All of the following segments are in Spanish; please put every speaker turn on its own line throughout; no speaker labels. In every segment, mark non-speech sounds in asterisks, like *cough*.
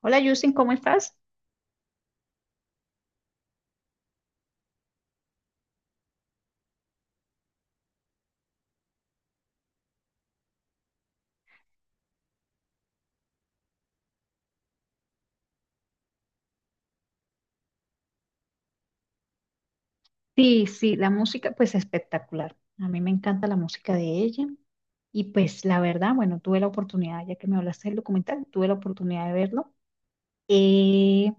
Hola Justin, ¿cómo estás? Sí, sí, la música pues espectacular. A mí me encanta la música de ella y pues la verdad, bueno, tuve la oportunidad, ya que me hablaste del documental, tuve la oportunidad de verlo. Eh,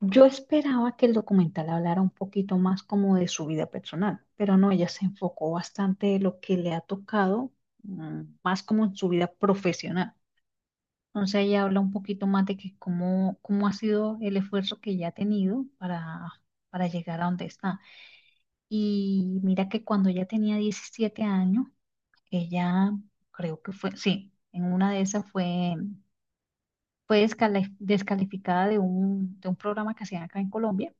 yo esperaba que el documental hablara un poquito más como de su vida personal, pero no, ella se enfocó bastante de lo que le ha tocado, más como en su vida profesional. Entonces ella habla un poquito más de que cómo ha sido el esfuerzo que ella ha tenido para llegar a donde está. Y mira que cuando ella tenía 17 años, ella creo que fue, sí, en una de esas fue, descalificada de de un programa que hacían acá en Colombia.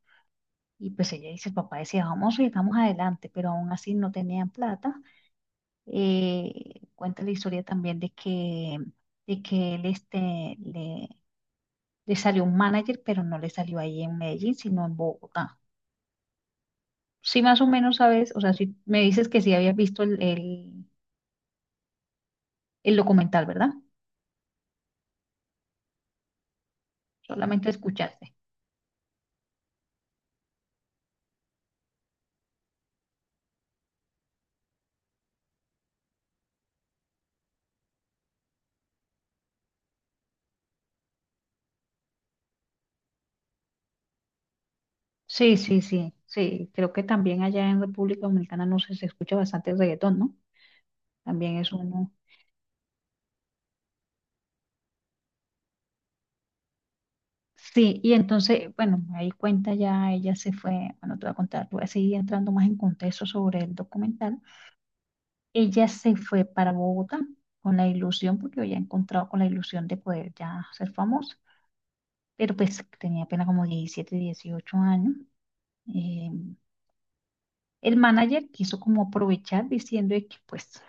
Y pues ella dice, el papá decía, vamos y vamos adelante, pero aún así no tenían plata. Cuenta la historia también de que él este, le salió un manager, pero no le salió ahí en Medellín, sino en Bogotá. Sí, más o menos sabes, o sea, si me dices que sí habías visto el documental, ¿verdad? Solamente escuchaste. Sí, sí, sí, sí. Creo que también allá en República Dominicana no sé, se escucha bastante reggaetón, ¿no? También es uno. Sí, y entonces, bueno, ahí cuenta ya, ella se fue, bueno, te voy a contar, voy a seguir entrando más en contexto sobre el documental. Ella se fue para Bogotá con la ilusión, porque había encontrado con la ilusión de poder ya ser famosa, pero pues tenía apenas como 17, 18 años. Eh, el manager quiso como aprovechar diciendo de que pues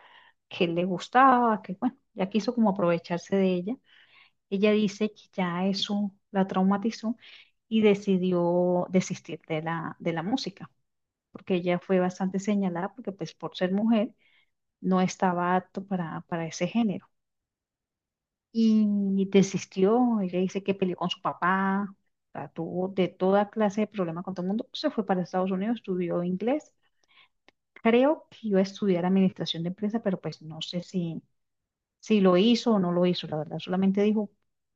que le gustaba, que bueno, ya quiso como aprovecharse de ella. Ella dice que ya eso la traumatizó y decidió desistir de de la música, porque ella fue bastante señalada, porque pues por ser mujer no estaba apto para ese género. Y desistió, ella dice que peleó con su papá, o sea, tuvo de toda clase de problemas con todo el mundo, se fue para Estados Unidos, estudió inglés. Creo que iba a estudiar administración de empresa, pero pues no sé si lo hizo o no lo hizo, la verdad. Solamente dijo,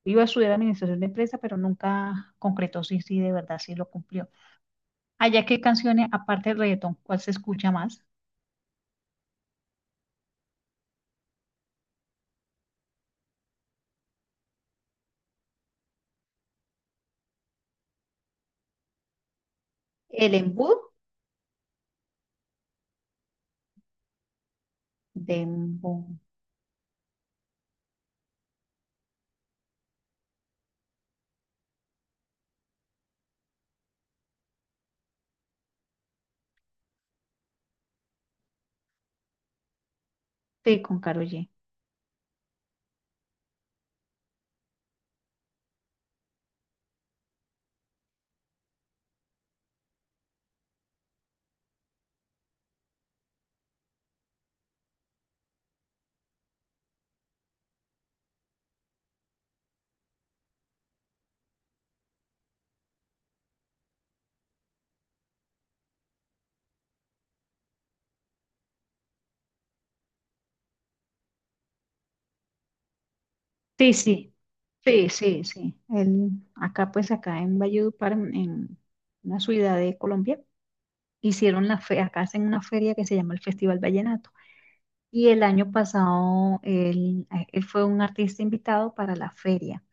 iba a estudiar administración de empresas, pero nunca concretó si de verdad sí lo cumplió. Allá, ¿qué canciones, aparte del reggaetón, cuál se escucha más? El embudo de embudo. Sí, con Karol G. Sí, sí, sí, sí, sí. El, acá, pues, acá en Valledupar, en una ciudad de Colombia, hicieron la fe, acá hacen una feria que se llama el Festival Vallenato. Y el año pasado él fue un artista invitado para la feria.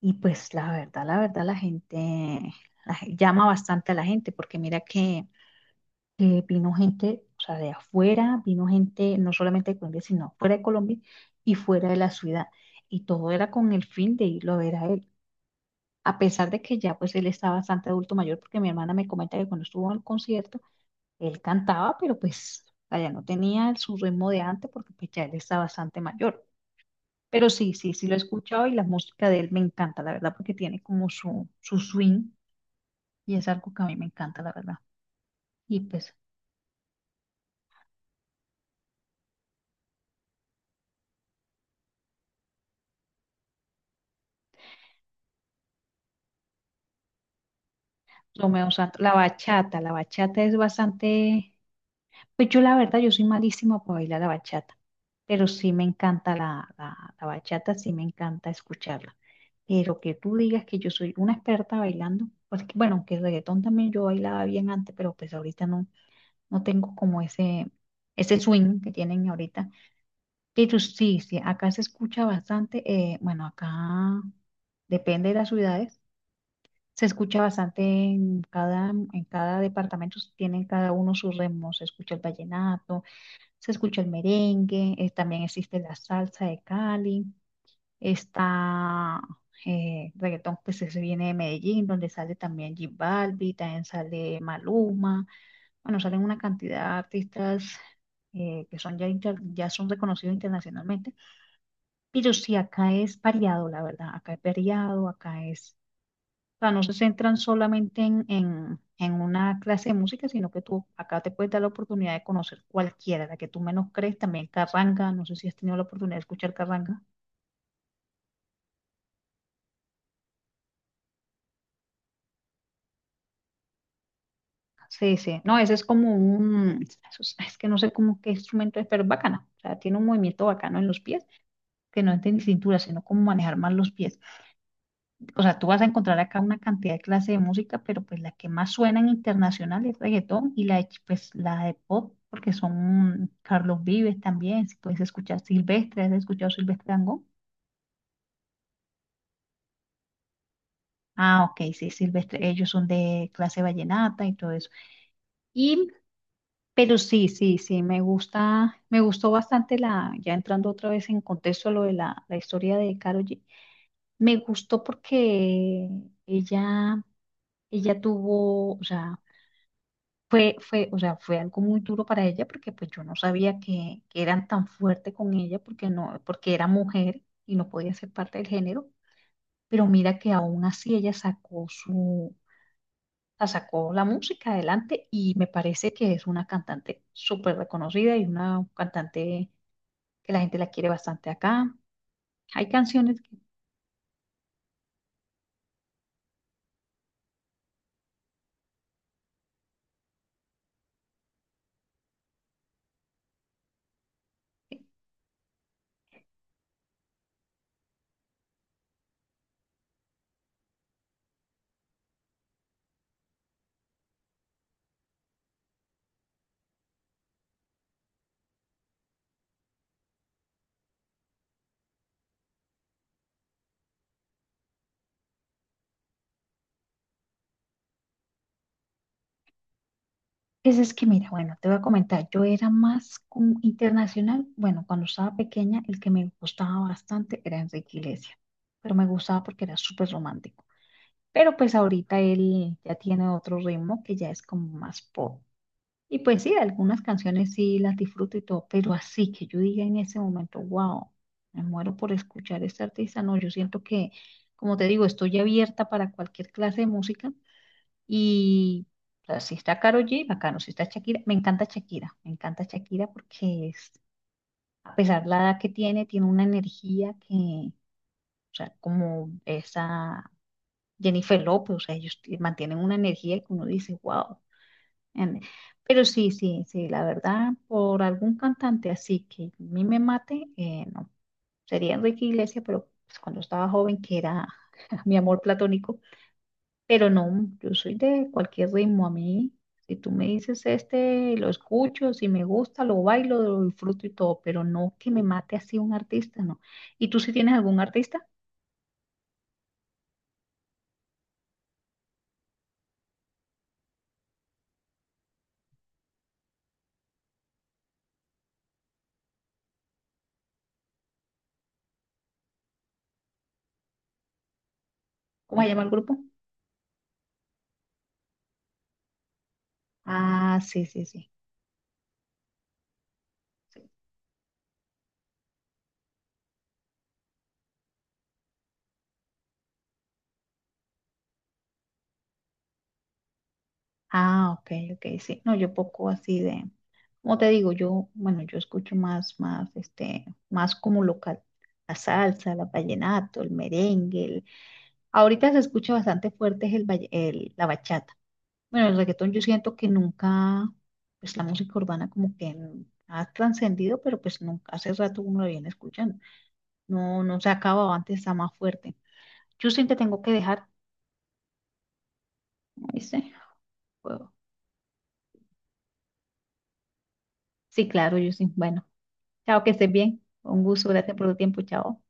Y pues la verdad, la verdad, la gente llama bastante a la gente, porque mira que vino gente, o sea, de afuera, vino gente no solamente de Colombia, sino fuera de Colombia y fuera de la ciudad. Y todo era con el fin de irlo a ver a él. A pesar de que ya pues él está bastante adulto mayor, porque mi hermana me comenta que cuando estuvo en el concierto, él cantaba, pero pues allá no tenía su ritmo de antes, porque pues ya él está bastante mayor. Pero sí, sí, sí lo he escuchado y la música de él me encanta, la verdad, porque tiene como su swing y es algo que a mí me encanta, la verdad. Y pues, Romeo Santos, la bachata es bastante, pues yo la verdad, yo soy malísima para bailar la bachata, pero sí me encanta la bachata, sí me encanta escucharla. Pero que tú digas que yo soy una experta bailando, pues que, bueno, que el reggaetón también yo bailaba bien antes, pero pues ahorita no, no tengo como ese, swing que tienen ahorita. Pero sí, sí, acá se escucha bastante, bueno, acá depende de las ciudades, se escucha bastante en cada departamento, tienen cada uno sus ritmos, se escucha el vallenato, se escucha el merengue, también existe la salsa de Cali, está reggaetón que se viene de Medellín, donde sale también J Balbi, también sale Maluma, bueno, salen una cantidad de artistas que son ya, ya son reconocidos internacionalmente pero sí, acá es variado, la verdad, acá es variado, acá es, o sea, no se centran solamente en una clase de música, sino que tú acá te puedes dar la oportunidad de conocer cualquiera, la que tú menos crees, también Carranga, no sé si has tenido la oportunidad de escuchar Carranga. Sí, sí, no, ese es como un, eso es que no sé cómo qué instrumento es, pero es bacana, o sea, tiene un movimiento bacano en los pies, que no es de cintura, sino cómo manejar más los pies. O sea, tú vas a encontrar acá una cantidad de clases de música, pero pues la que más suena internacional es reggaetón y la de, pues, la de pop, porque son Carlos Vives también, si puedes escuchar Silvestre, ¿has escuchado Silvestre Dangond? Ah, ok, sí, Silvestre, ellos son de clase vallenata y todo eso. Y, pero sí, sí, sí, me gusta, me gustó bastante la, ya entrando otra vez en contexto a lo de la historia de Karol G, me gustó porque ella, ella tuvo, o sea, fue, o sea, fue algo muy duro para ella porque pues yo no sabía que eran tan fuertes con ella porque no, porque era mujer y no podía ser parte del género, pero mira que aún así ella sacó su, la sacó la música adelante y me parece que es una cantante súper reconocida y una cantante que la gente la quiere bastante acá. Hay canciones que. Pues es que mira, bueno, te voy a comentar, yo era más como internacional, bueno, cuando estaba pequeña el que me gustaba bastante era Enrique Iglesias, pero me gustaba porque era súper romántico, pero pues ahorita él ya tiene otro ritmo que ya es como más pop. Y pues sí, algunas canciones sí las disfruto y todo, pero así que yo diga en ese momento, wow, me muero por escuchar a este artista, no, yo siento que, como te digo, estoy abierta para cualquier clase de música y o sea, si está Karol G, bacano. Si está Shakira, me encanta Shakira. Me encanta Shakira porque es, a pesar de la edad que tiene, tiene una energía que, o sea, como esa Jennifer López, o sea, mantienen una energía que uno dice, wow. Pero sí, sí, sí, la verdad, por algún cantante así que a mí me mate, no. Sería Enrique Iglesias, pero pues, cuando estaba joven, que era *laughs* mi amor platónico. Pero no, yo soy de cualquier ritmo a mí. Si tú me dices este, lo escucho, si me gusta, lo bailo, lo disfruto y todo, pero no que me mate así un artista, no. ¿Y tú si tienes algún artista? ¿Cómo se llama el grupo? Ah, sí, sí, sí, sí. Ah, ok, ok, sí. No, yo poco así de, como te digo, yo, bueno, yo escucho más, más como local. La salsa, la vallenato, el merengue. Ahorita se escucha bastante fuerte es la bachata. Bueno, el reggaetón yo siento que nunca, pues la música urbana como que ha trascendido, pero pues nunca, hace rato uno la viene escuchando. No, no se ha acabado, antes está más fuerte. Justin, te tengo que dejar, ¿viste? Bueno, sí, claro, Justin. Bueno, chao, que estés bien. Un gusto, gracias por tu tiempo, chao.